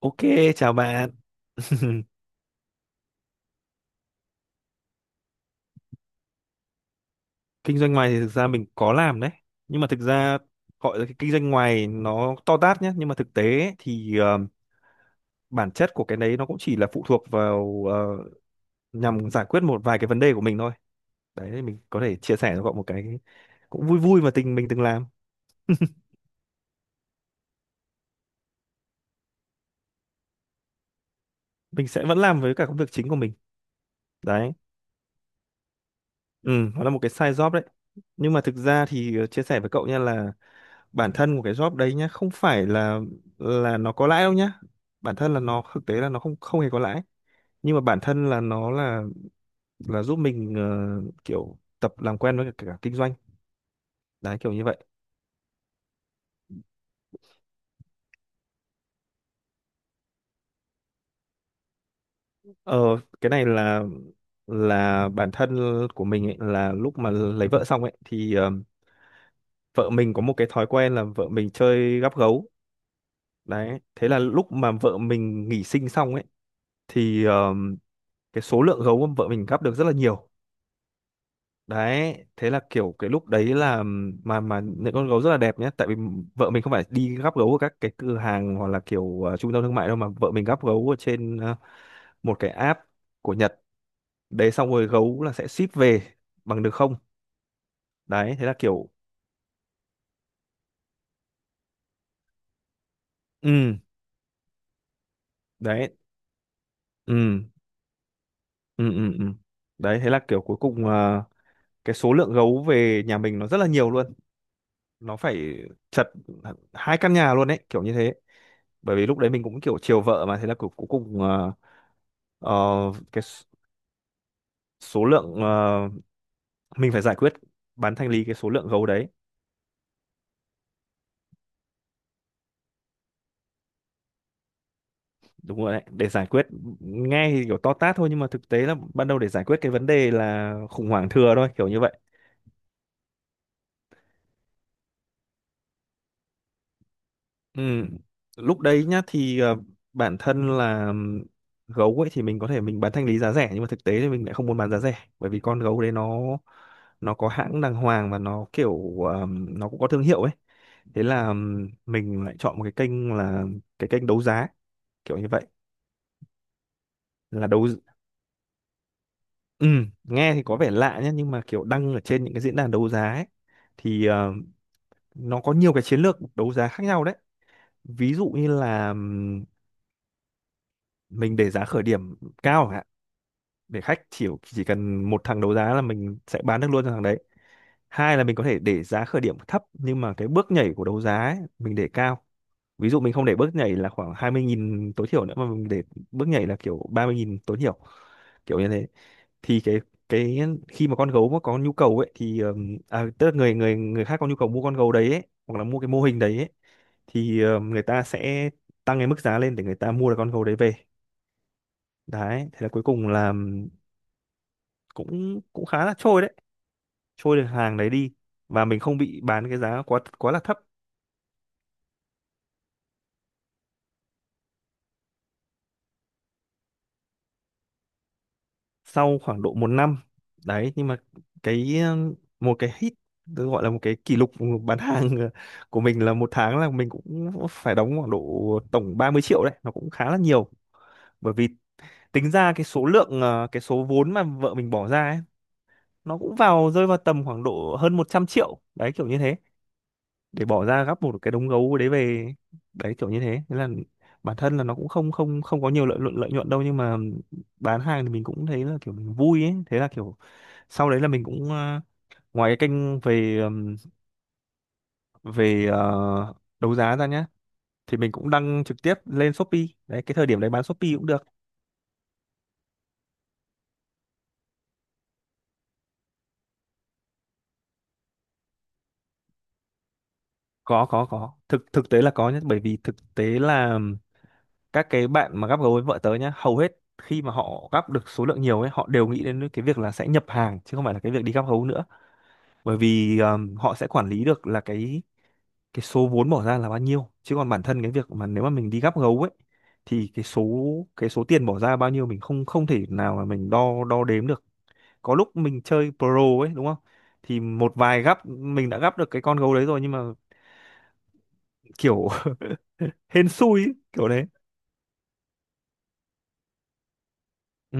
Ok, chào bạn. Kinh doanh ngoài thì thực ra mình có làm đấy. Nhưng mà thực ra gọi là cái kinh doanh ngoài nó to tát nhé. Nhưng mà thực tế ấy, thì bản chất của cái đấy nó cũng chỉ là phụ thuộc vào nhằm giải quyết một vài cái vấn đề của mình thôi. Đấy, mình có thể chia sẻ cho cậu một cái cũng vui vui mà tình mình từng làm. Mình sẽ vẫn làm với cả công việc chính của mình. Đấy, ừ, nó là một cái side job đấy. Nhưng mà thực ra thì chia sẻ với cậu nha là bản thân của cái job đấy nhá không phải là nó có lãi đâu nhá, bản thân là nó thực tế là nó không không hề có lãi, nhưng mà bản thân là nó là giúp mình kiểu tập làm quen với cả kinh doanh, đấy kiểu như vậy. ờ cái này là bản thân của mình ấy, là lúc mà lấy vợ xong ấy thì vợ mình có một cái thói quen là vợ mình chơi gắp gấu. Đấy thế là lúc mà vợ mình nghỉ sinh xong ấy thì cái số lượng gấu mà vợ mình gắp được rất là nhiều. Đấy thế là kiểu cái lúc đấy là mà những con gấu rất là đẹp nhé, tại vì vợ mình không phải đi gắp gấu ở các cái cửa hàng hoặc là kiểu trung tâm thương mại đâu, mà vợ mình gắp gấu ở trên một cái app của Nhật. Đấy xong rồi gấu là sẽ ship về bằng đường không, đấy thế là kiểu ừ. Đấy. Ừ, ừ, ừ, ừ. Đấy thế là kiểu cuối cùng cái số lượng gấu về nhà mình nó rất là nhiều luôn, nó phải chật hai căn nhà luôn, đấy kiểu như thế. Bởi vì lúc đấy mình cũng kiểu chiều vợ mà, thế là cuối cuối cùng ờ, ờ, cái số lượng mình phải giải quyết bán thanh lý cái số lượng gấu đấy. Đúng rồi đấy, để giải quyết, nghe thì kiểu to tát thôi nhưng mà thực tế là ban đầu để giải quyết cái vấn đề là khủng hoảng thừa thôi, kiểu như vậy. Ừ. Lúc đấy nhá thì bản thân là gấu ấy thì mình có thể mình bán thanh lý giá rẻ, nhưng mà thực tế thì mình lại không muốn bán giá rẻ bởi vì con gấu đấy nó có hãng đàng hoàng và nó kiểu nó cũng có thương hiệu ấy. Thế là mình lại chọn một cái kênh là cái kênh đấu giá, kiểu như vậy, là đấu ừ, nghe thì có vẻ lạ nhé, nhưng mà kiểu đăng ở trên những cái diễn đàn đấu giá ấy, thì nó có nhiều cái chiến lược đấu giá khác nhau đấy. Ví dụ như là mình để giá khởi điểm cao chẳng hạn, để khách chỉ cần một thằng đấu giá là mình sẽ bán được luôn cho thằng đấy. Hai là mình có thể để giá khởi điểm thấp nhưng mà cái bước nhảy của đấu giá ấy, mình để cao. Ví dụ mình không để bước nhảy là khoảng 20 nghìn tối thiểu nữa mà mình để bước nhảy là kiểu 30 nghìn tối thiểu, kiểu như thế. Thì cái khi mà con gấu mà có nhu cầu ấy thì à, tức là người người người khác có nhu cầu mua con gấu đấy ấy, hoặc là mua cái mô hình đấy ấy, thì người ta sẽ tăng cái mức giá lên để người ta mua được con gấu đấy về. Đấy thế là cuối cùng là cũng cũng khá là trôi đấy, trôi được hàng đấy đi, và mình không bị bán cái giá quá quá là thấp. Sau khoảng độ một năm, đấy, nhưng mà cái một cái hit, tôi gọi là một cái kỷ lục bán hàng, của mình là một tháng là mình cũng phải đóng khoảng độ tổng 30 triệu đấy, nó cũng khá là nhiều. Bởi vì tính ra cái số lượng cái số vốn mà vợ mình bỏ ra ấy, nó cũng rơi vào tầm khoảng độ hơn 100 triệu đấy, kiểu như thế, để bỏ ra gấp một cái đống gấu đấy về. Đấy kiểu như thế, thế là bản thân là nó cũng không không không có nhiều lợi nhuận đâu, nhưng mà bán hàng thì mình cũng thấy là kiểu mình vui ấy, thế là kiểu sau đấy là mình cũng ngoài cái kênh về về đấu giá ra nhá, thì mình cũng đăng trực tiếp lên Shopee. Đấy cái thời điểm đấy bán Shopee cũng được. Có, thực thực tế là có nhé, bởi vì thực tế là các cái bạn mà gắp gấu với vợ tớ nhá, hầu hết khi mà họ gắp được số lượng nhiều ấy họ đều nghĩ đến cái việc là sẽ nhập hàng chứ không phải là cái việc đi gắp gấu nữa. Bởi vì họ sẽ quản lý được là cái số vốn bỏ ra là bao nhiêu, chứ còn bản thân cái việc mà nếu mà mình đi gắp gấu ấy thì cái số tiền bỏ ra bao nhiêu mình không không thể nào mà mình đo đo đếm được. Có lúc mình chơi pro ấy đúng không, thì một vài gắp mình đã gắp được cái con gấu đấy rồi nhưng mà kiểu hên xui ấy, kiểu đấy. Ừ,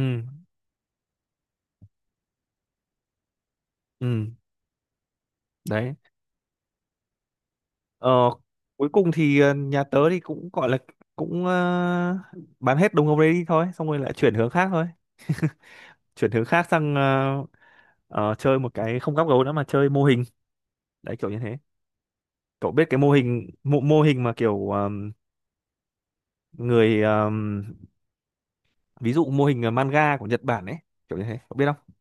ừ. Đấy. ờ, Cuối cùng thì nhà tớ thì cũng gọi là cũng bán hết đồng gấu đấy đi thôi, xong rồi lại chuyển hướng khác thôi. Chuyển hướng khác sang chơi một cái không gắp gấu nữa mà chơi mô hình, đấy kiểu như thế. Cậu biết cái mô hình mà kiểu người ví dụ mô hình manga của Nhật Bản ấy, kiểu như thế cậu biết không?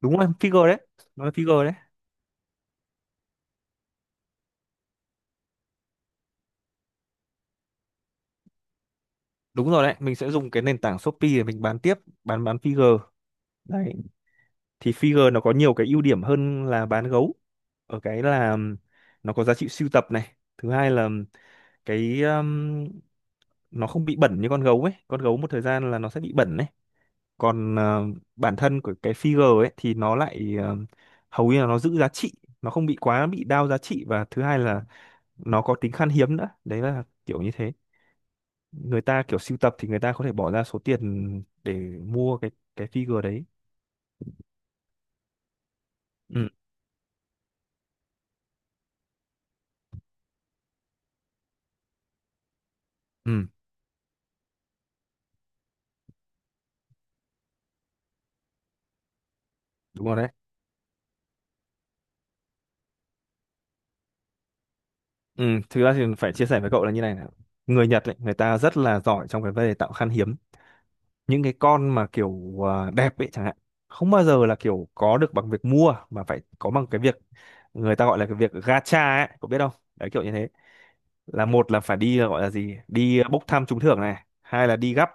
Đúng rồi, figure đấy, nó là figure đấy. Đúng rồi đấy, mình sẽ dùng cái nền tảng Shopee để mình bán tiếp, bán figure. Đấy thì figure nó có nhiều cái ưu điểm hơn là bán gấu, ở cái là nó có giá trị sưu tập này, thứ hai là cái nó không bị bẩn như con gấu ấy, con gấu một thời gian là nó sẽ bị bẩn ấy, còn bản thân của cái figure ấy thì nó lại hầu như là nó giữ giá trị, nó không bị quá bị đao giá trị, và thứ hai là nó có tính khan hiếm nữa, đấy là kiểu như thế. Người ta kiểu sưu tập thì người ta có thể bỏ ra số tiền để mua cái figure đấy. Ừ, ừ. Đúng rồi đấy. Ừ, thực ra thì phải chia sẻ với cậu là như này này, người Nhật ấy, người ta rất là giỏi trong cái vấn đề tạo khan hiếm. Những cái con mà kiểu à, đẹp ấy chẳng hạn, không bao giờ là kiểu có được bằng việc mua mà phải có bằng cái việc người ta gọi là cái việc gacha ấy, cậu biết không, đấy kiểu như thế. Là một là phải đi, là gọi là gì, đi bốc thăm trúng thưởng này, hai là đi gắp.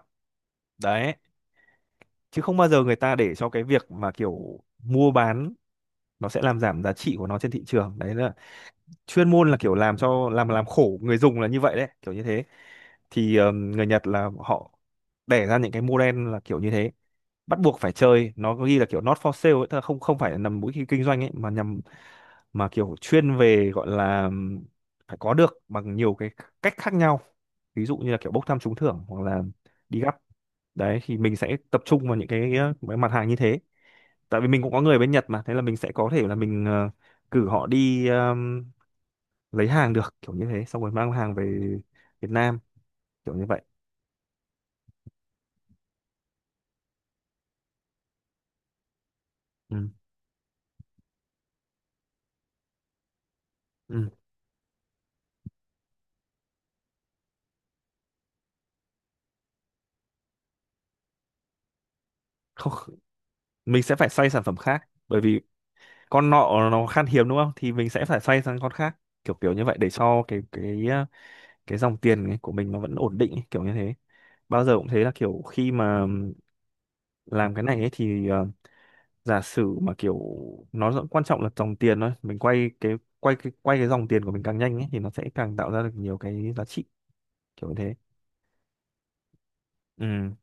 Đấy, chứ không bao giờ người ta để cho cái việc mà kiểu mua bán, nó sẽ làm giảm giá trị của nó trên thị trường. Đấy là chuyên môn là kiểu làm cho làm khổ người dùng là như vậy, đấy kiểu như thế. Thì người Nhật là họ đẻ ra những cái model là kiểu như thế, bắt buộc phải chơi, nó có ghi là kiểu not for sale ấy, tức là không không phải là nằm mũi kinh kinh doanh ấy, mà nhằm mà kiểu chuyên về, gọi là phải có được bằng nhiều cái cách khác nhau, ví dụ như là kiểu bốc thăm trúng thưởng hoặc là đi gắp. Đấy thì mình sẽ tập trung vào những cái mặt hàng như thế. Tại vì mình cũng có người bên Nhật mà, thế là mình sẽ có thể là mình cử họ đi lấy hàng được, kiểu như thế, xong rồi mang hàng về Việt Nam, kiểu như vậy. Ừ. Ừ. Không, mình sẽ phải xoay sản phẩm khác, bởi vì con nọ nó khan hiếm đúng không, thì mình sẽ phải xoay sang con khác, kiểu kiểu như vậy, để cho cái dòng tiền ấy của mình nó vẫn ổn định ấy, kiểu như thế. Bao giờ cũng thế là kiểu, khi mà làm cái này ấy thì giả sử mà kiểu, nó rất quan trọng là dòng tiền thôi, mình quay cái dòng tiền của mình càng nhanh ấy thì nó sẽ càng tạo ra được nhiều cái giá trị, kiểu như thế. Ừ.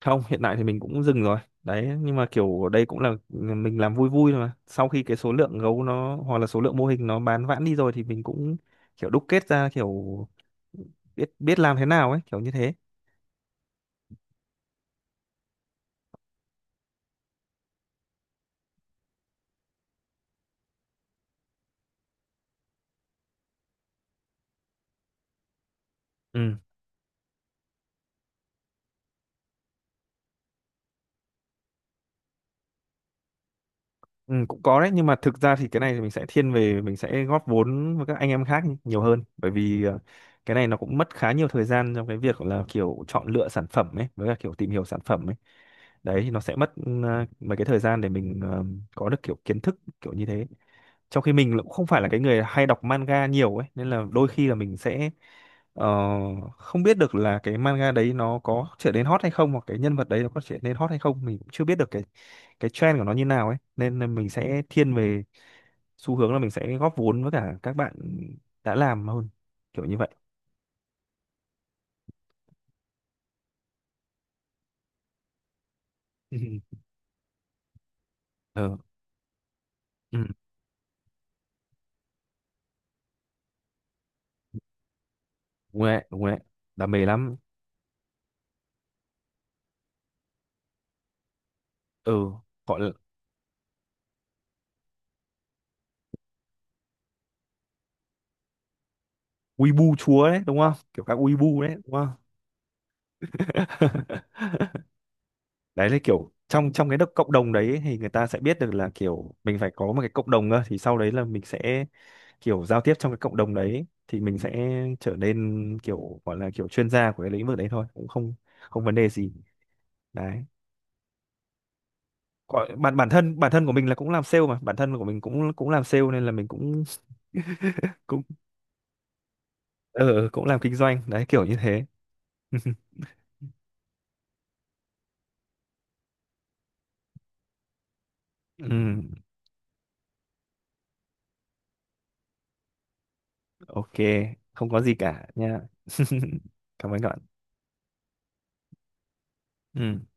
Không, hiện tại thì mình cũng dừng rồi đấy, nhưng mà kiểu đây cũng là mình làm vui vui thôi mà, sau khi cái số lượng gấu nó hoặc là số lượng mô hình nó bán vãn đi rồi thì mình cũng kiểu đúc kết ra kiểu biết biết làm thế nào ấy, kiểu như thế. Ừ. Ừ, cũng có đấy, nhưng mà thực ra thì cái này thì mình sẽ thiên về mình sẽ góp vốn với các anh em khác nhé, nhiều hơn, bởi vì cái này nó cũng mất khá nhiều thời gian trong cái việc là kiểu chọn lựa sản phẩm ấy với cả kiểu tìm hiểu sản phẩm ấy. Đấy thì nó sẽ mất mấy cái thời gian để mình có được kiểu kiến thức, kiểu như thế. Trong khi mình cũng không phải là cái người hay đọc manga nhiều ấy, nên là đôi khi là mình sẽ ờ, không biết được là cái manga đấy nó có trở nên hot hay không, hoặc cái nhân vật đấy nó có trở nên hot hay không, mình cũng chưa biết được cái trend của nó như nào ấy, nên là mình sẽ thiên về xu hướng là mình sẽ góp vốn với cả các bạn đã làm hơn, kiểu như vậy. Ừ. Ừ, ừ. Đúng rồi đấy, đúng rồi đấy. Đam mê lắm. Ừ, gọi là Weibo chúa đấy đúng không, kiểu các Weibo đấy đúng không. Đấy là kiểu trong trong cái cộng đồng đấy thì người ta sẽ biết được là kiểu mình phải có một cái cộng đồng cơ, thì sau đấy là mình sẽ kiểu giao tiếp trong cái cộng đồng đấy thì mình sẽ trở nên kiểu gọi là kiểu chuyên gia của cái lĩnh vực đấy thôi, cũng không không vấn đề gì, đấy. Còn bản bản thân của mình là cũng làm sale mà, bản thân của mình cũng cũng làm sale, nên là mình cũng cũng ờ cũng làm kinh doanh đấy, kiểu như thế. Ừ, ok, không có gì cả nha. Cảm ơn các bạn. Ừ.